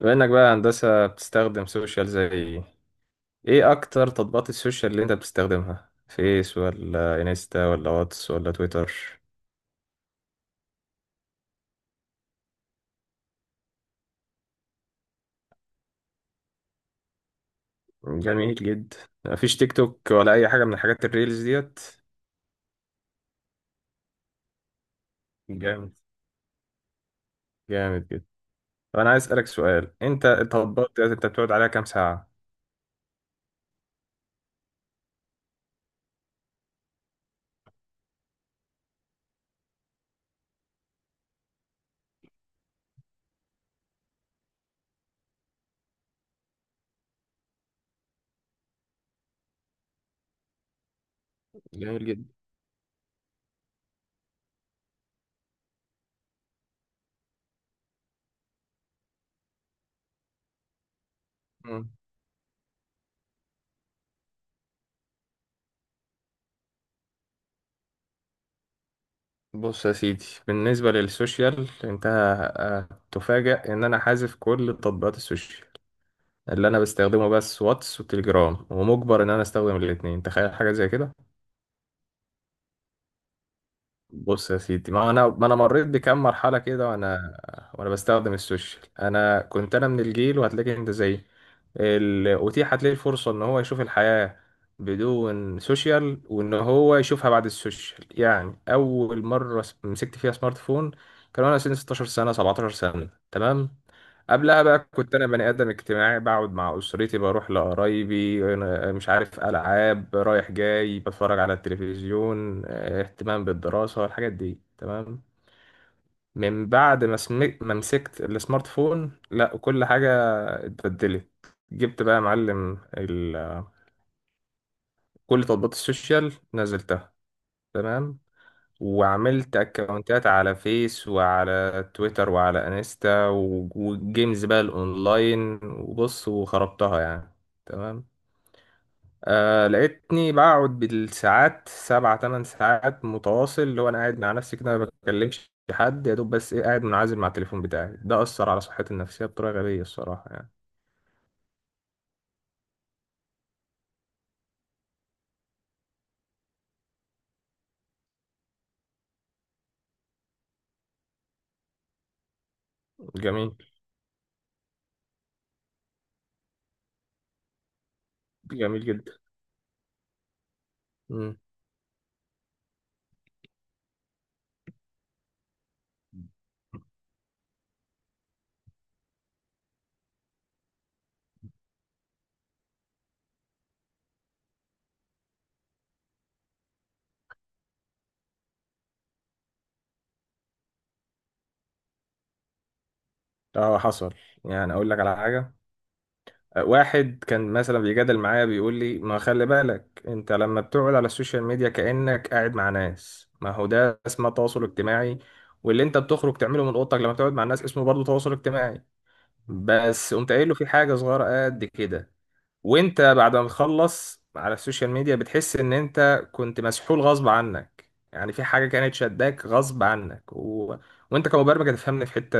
بما انك بقى هندسة بتستخدم سوشيال زي ايه؟ إيه اكتر تطبيقات السوشيال اللي انت بتستخدمها، فيس ولا انستا ولا واتس ولا تويتر؟ جميل جدا. مفيش تيك توك ولا اي حاجة من الحاجات الريلز ديت؟ جامد. جامد جدا. طب انا عايز اسألك سؤال، انت التطبيقات ديت انت بتقعد عليها كام ساعة؟ جميل جدا. مم. بص يا سيدي، بالنسبة للسوشيال انت هتفاجأ ان انا حازف كل تطبيقات السوشيال. اللي انا بستخدمه بس واتس وتليجرام، ومجبر ان انا استخدم الاثنين، تخيل حاجه زي كده. بص يا سيدي، ما انا مريت بكام مرحله كده، وانا بستخدم السوشيال. انا كنت من الجيل، وهتلاقيك انت زيي، اتيحت ليه الفرصه ان هو يشوف الحياه بدون سوشيال، وان هو يشوفها بعد السوشيال. يعني اول مره مسكت فيها سمارت فون كان وانا سني 16 سنه، 17 سنه، تمام؟ قبلها بقى كنت انا بني ادم اجتماعي، بقعد مع اسرتي، بروح لقرايبي، أنا مش عارف، العاب، رايح جاي، بتفرج على التلفزيون، اهتمام بالدراسه، الحاجات دي، تمام؟ من بعد ما مسكت السمارت فون، لا، كل حاجه اتبدلت. جبت بقى يا معلم كل تطبيقات السوشيال نزلتها، تمام؟ وعملت اكونتات على فيس وعلى تويتر وعلى انستا وجيمز بقى الاونلاين، وبص وخربتها يعني. تمام. آه، لقيتني بقعد بالساعات، سبع تمن ساعات متواصل، اللي هو انا قاعد مع نفسي كده، ما بكلمش حد، يا دوب بس ايه، قاعد منعزل مع التليفون بتاعي. ده اثر على صحتي النفسيه بطريقه غبيه الصراحه يعني. جميل. جميل جدا. مم. اه، حصل. يعني اقول لك على حاجه، واحد كان مثلا بيجادل معايا، بيقول لي ما خلي بالك انت لما بتقعد على السوشيال ميديا كأنك قاعد مع ناس، ما هو ده اسمه تواصل اجتماعي، واللي انت بتخرج تعمله من اوضتك لما تقعد مع الناس اسمه برضه تواصل اجتماعي. بس قمت قايل له في حاجة صغيرة قد كده، وانت بعد ما تخلص على السوشيال ميديا بتحس ان انت كنت مسحول غصب عنك، يعني في حاجة كانت شداك غصب عنك و... وانت كمبرمج هتفهمني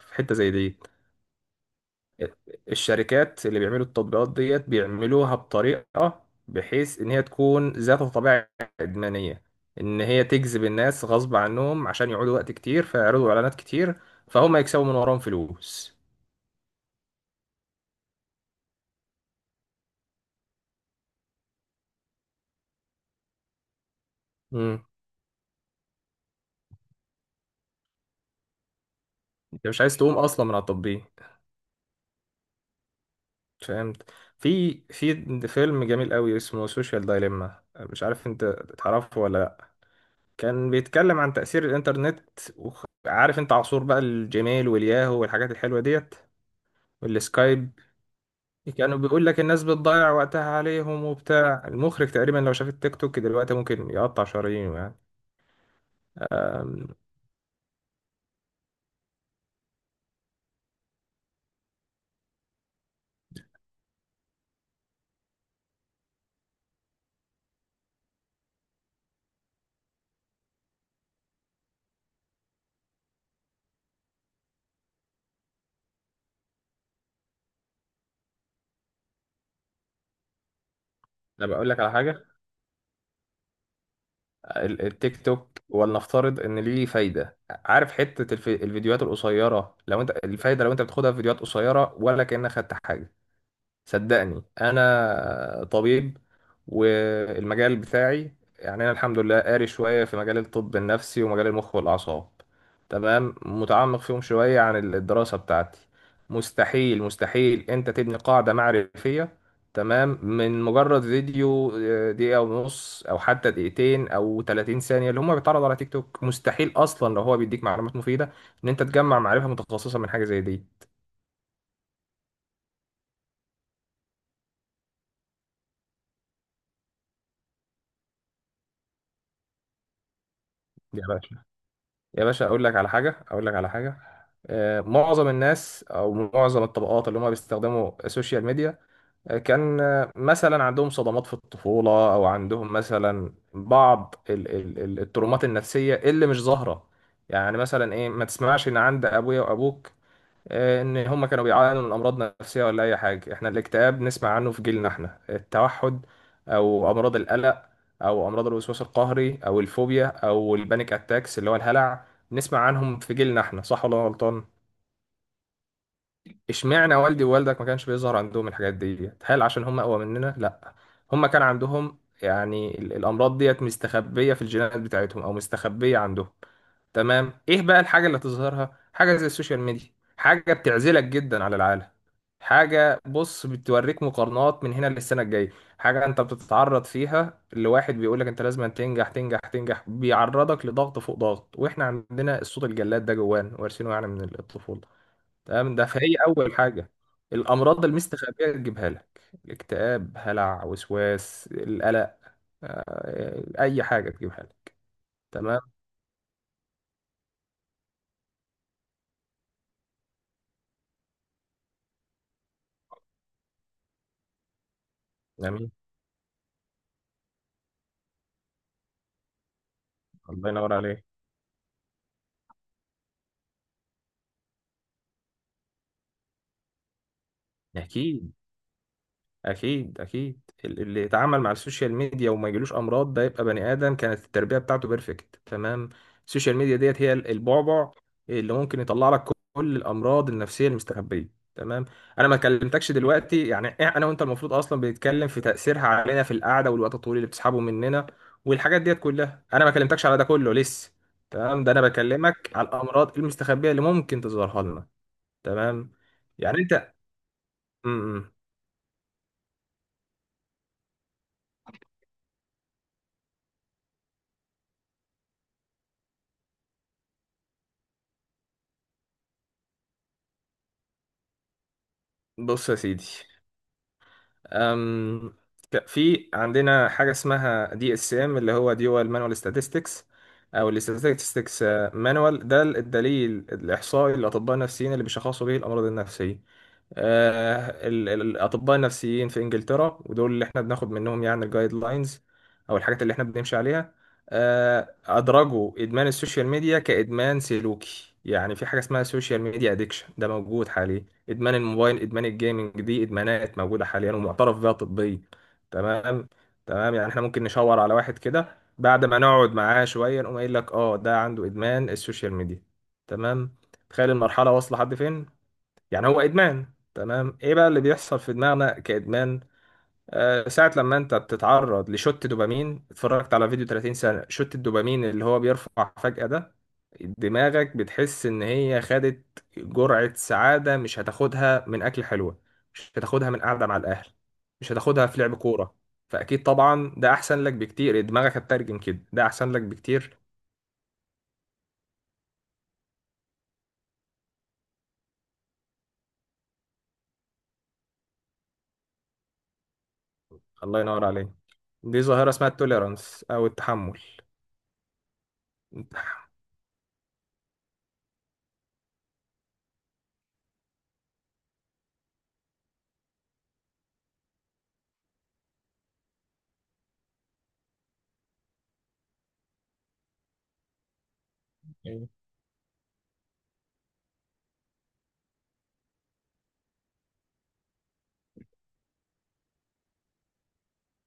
في حتة زي دي. الشركات اللي بيعملوا التطبيقات ديت بيعملوها بطريقة بحيث إن هي تكون ذات طبيعة إدمانية، إن هي تجذب الناس غصب عنهم عشان يقعدوا وقت كتير، فيعرضوا إعلانات كتير، فهم يكسبوا من وراهم فلوس. مم. أنت مش عايز تقوم أصلا من على التطبيق. فهمت. في فيلم جميل قوي اسمه سوشيال دايليما، مش عارف انت تعرفه ولا لا. كان بيتكلم عن تأثير الإنترنت، وعارف انت عصور بقى الجيميل والياهو والحاجات الحلوة ديت، والسكايب، كانوا بيقول لك الناس بتضيع وقتها عليهم وبتاع. المخرج تقريبا لو شاف التيك توك دلوقتي ممكن يقطع شرايينه يعني. أم، انا بقول لك على حاجه، التيك توك ولنفترض ان ليه فايده، عارف حته الفيديوهات القصيره، لو انت الفايده لو انت بتاخدها في فيديوهات قصيره، ولا كأنك خدت حاجه؟ صدقني انا طبيب، والمجال بتاعي يعني انا الحمد لله قاري شويه في مجال الطب النفسي ومجال المخ والاعصاب، تمام، متعمق فيهم شويه عن الدراسه بتاعتي. مستحيل انت تبني قاعده معرفيه، تمام، من مجرد فيديو دقيقه ونص او حتى دقيقتين او 30 ثانيه اللي هم بيتعرضوا على تيك توك، مستحيل اصلا لو هو بيديك معلومات مفيده ان انت تجمع معرفه متخصصه من حاجه زي دي. دي يا باشا اقول لك على حاجه، معظم الناس او معظم الطبقات اللي هم بيستخدموا السوشيال ميديا، آه، كان آه، مثلا عندهم صدمات في الطفوله، او عندهم مثلا بعض الترومات النفسيه اللي مش ظاهره. يعني مثلا ايه، ما تسمعش ان عند ابويا وابوك ان هم كانوا بيعانوا من امراض نفسيه ولا اي حاجه. احنا الاكتئاب نسمع عنه في جيلنا، احنا التوحد او امراض القلق او امراض الوسواس القهري او الفوبيا او البانيك اتاكس اللي هو الهلع نسمع عنهم في جيلنا احنا، صح ولا أنا غلطان؟ اشمعنى والدي ووالدك ما كانش بيظهر عندهم الحاجات دي، هل عشان هم اقوى مننا؟ لا، هم كان عندهم يعني الامراض ديت مستخبيه في الجينات بتاعتهم او مستخبيه عندهم. تمام؟ ايه بقى الحاجه اللي تظهرها؟ حاجه زي السوشيال ميديا، حاجه بتعزلك جدا على العالم، حاجه بص بتوريك مقارنات من هنا للسنه الجايه، حاجه انت بتتعرض فيها لواحد بيقول لك انت لازم تنجح تنجح تنجح، بيعرضك لضغط فوق ضغط، واحنا عندنا الصوت الجلاد ده جوانا وارثينه يعني من الطفوله، تمام؟ ده فهي اول حاجه، الامراض المستخبيه تجيبها لك، الاكتئاب، هلع، وسواس، القلق، اي حاجه تجيبها لك. تمام. جميل. الله ينور عليك. اكيد. اكيد اللي يتعامل مع السوشيال ميديا وما يجيلوش امراض ده يبقى بني ادم كانت التربيه بتاعته بيرفكت، تمام؟ السوشيال ميديا ديت هي البعبع اللي ممكن يطلع لك كل الامراض النفسيه المستخبيه، تمام؟ انا ما كلمتكش دلوقتي يعني انا وانت المفروض اصلا بنتكلم في تاثيرها علينا في القعده والوقت الطويل اللي بتسحبه مننا والحاجات ديت كلها، انا ما كلمتكش على ده كله لسه. تمام؟ ده انا بكلمك على الامراض المستخبيه اللي ممكن تظهرها لنا. تمام؟ يعني انت م- م. بص يا سيدي، أم، في عندنا حاجة اسمها دي اس ام، اللي هو ديوال مانوال statistics او الاستاتستكس مانوال، ده الدليل الاحصائي للاطباء النفسيين اللي بيشخصوا به الامراض النفسية. الاطباء النفسيين في انجلترا ودول اللي احنا بناخد منهم يعني الجايد لاينز او الحاجات اللي احنا بنمشي عليها، ادرجوا ادمان السوشيال ميديا كادمان سلوكي. يعني في حاجه اسمها سوشيال ميديا ادكشن، ده موجود حاليا. ادمان الموبايل، ادمان الجيمنج، دي ادمانات موجوده حاليا ومعترف بها طبيا، تمام؟ تمام، يعني احنا ممكن نشاور على واحد كده بعد ما نقعد معاه شويه نقوم قايل لك اه ده عنده ادمان السوشيال ميديا، تمام؟ تخيل المرحله واصله لحد فين، يعني هو ادمان. تمام. ايه بقى اللي بيحصل في دماغنا كادمان؟ آه، ساعه لما انت بتتعرض لشوت دوبامين، اتفرجت على فيديو 30 سنه، شوت الدوبامين اللي هو بيرفع فجاه ده، دماغك بتحس ان هي خدت جرعه سعاده مش هتاخدها من اكل حلوه، مش هتاخدها من قعده مع الاهل، مش هتاخدها في لعب كوره، فاكيد طبعا ده احسن لك بكتير، دماغك هتترجم كده ده احسن لك بكتير. الله ينور عليك. دي ظاهره اسمها التوليرانس او التحمل.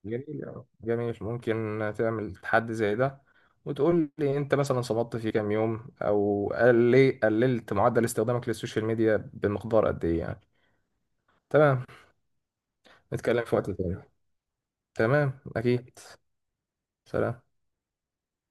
جميل أوي. جميل، ممكن تعمل تحدي زي ده وتقول لي انت مثلا صمدت في كام يوم، او قلي قللت معدل استخدامك للسوشيال ميديا بمقدار قد ايه يعني. تمام. نتكلم في وقت تاني. تمام، اكيد. سلام.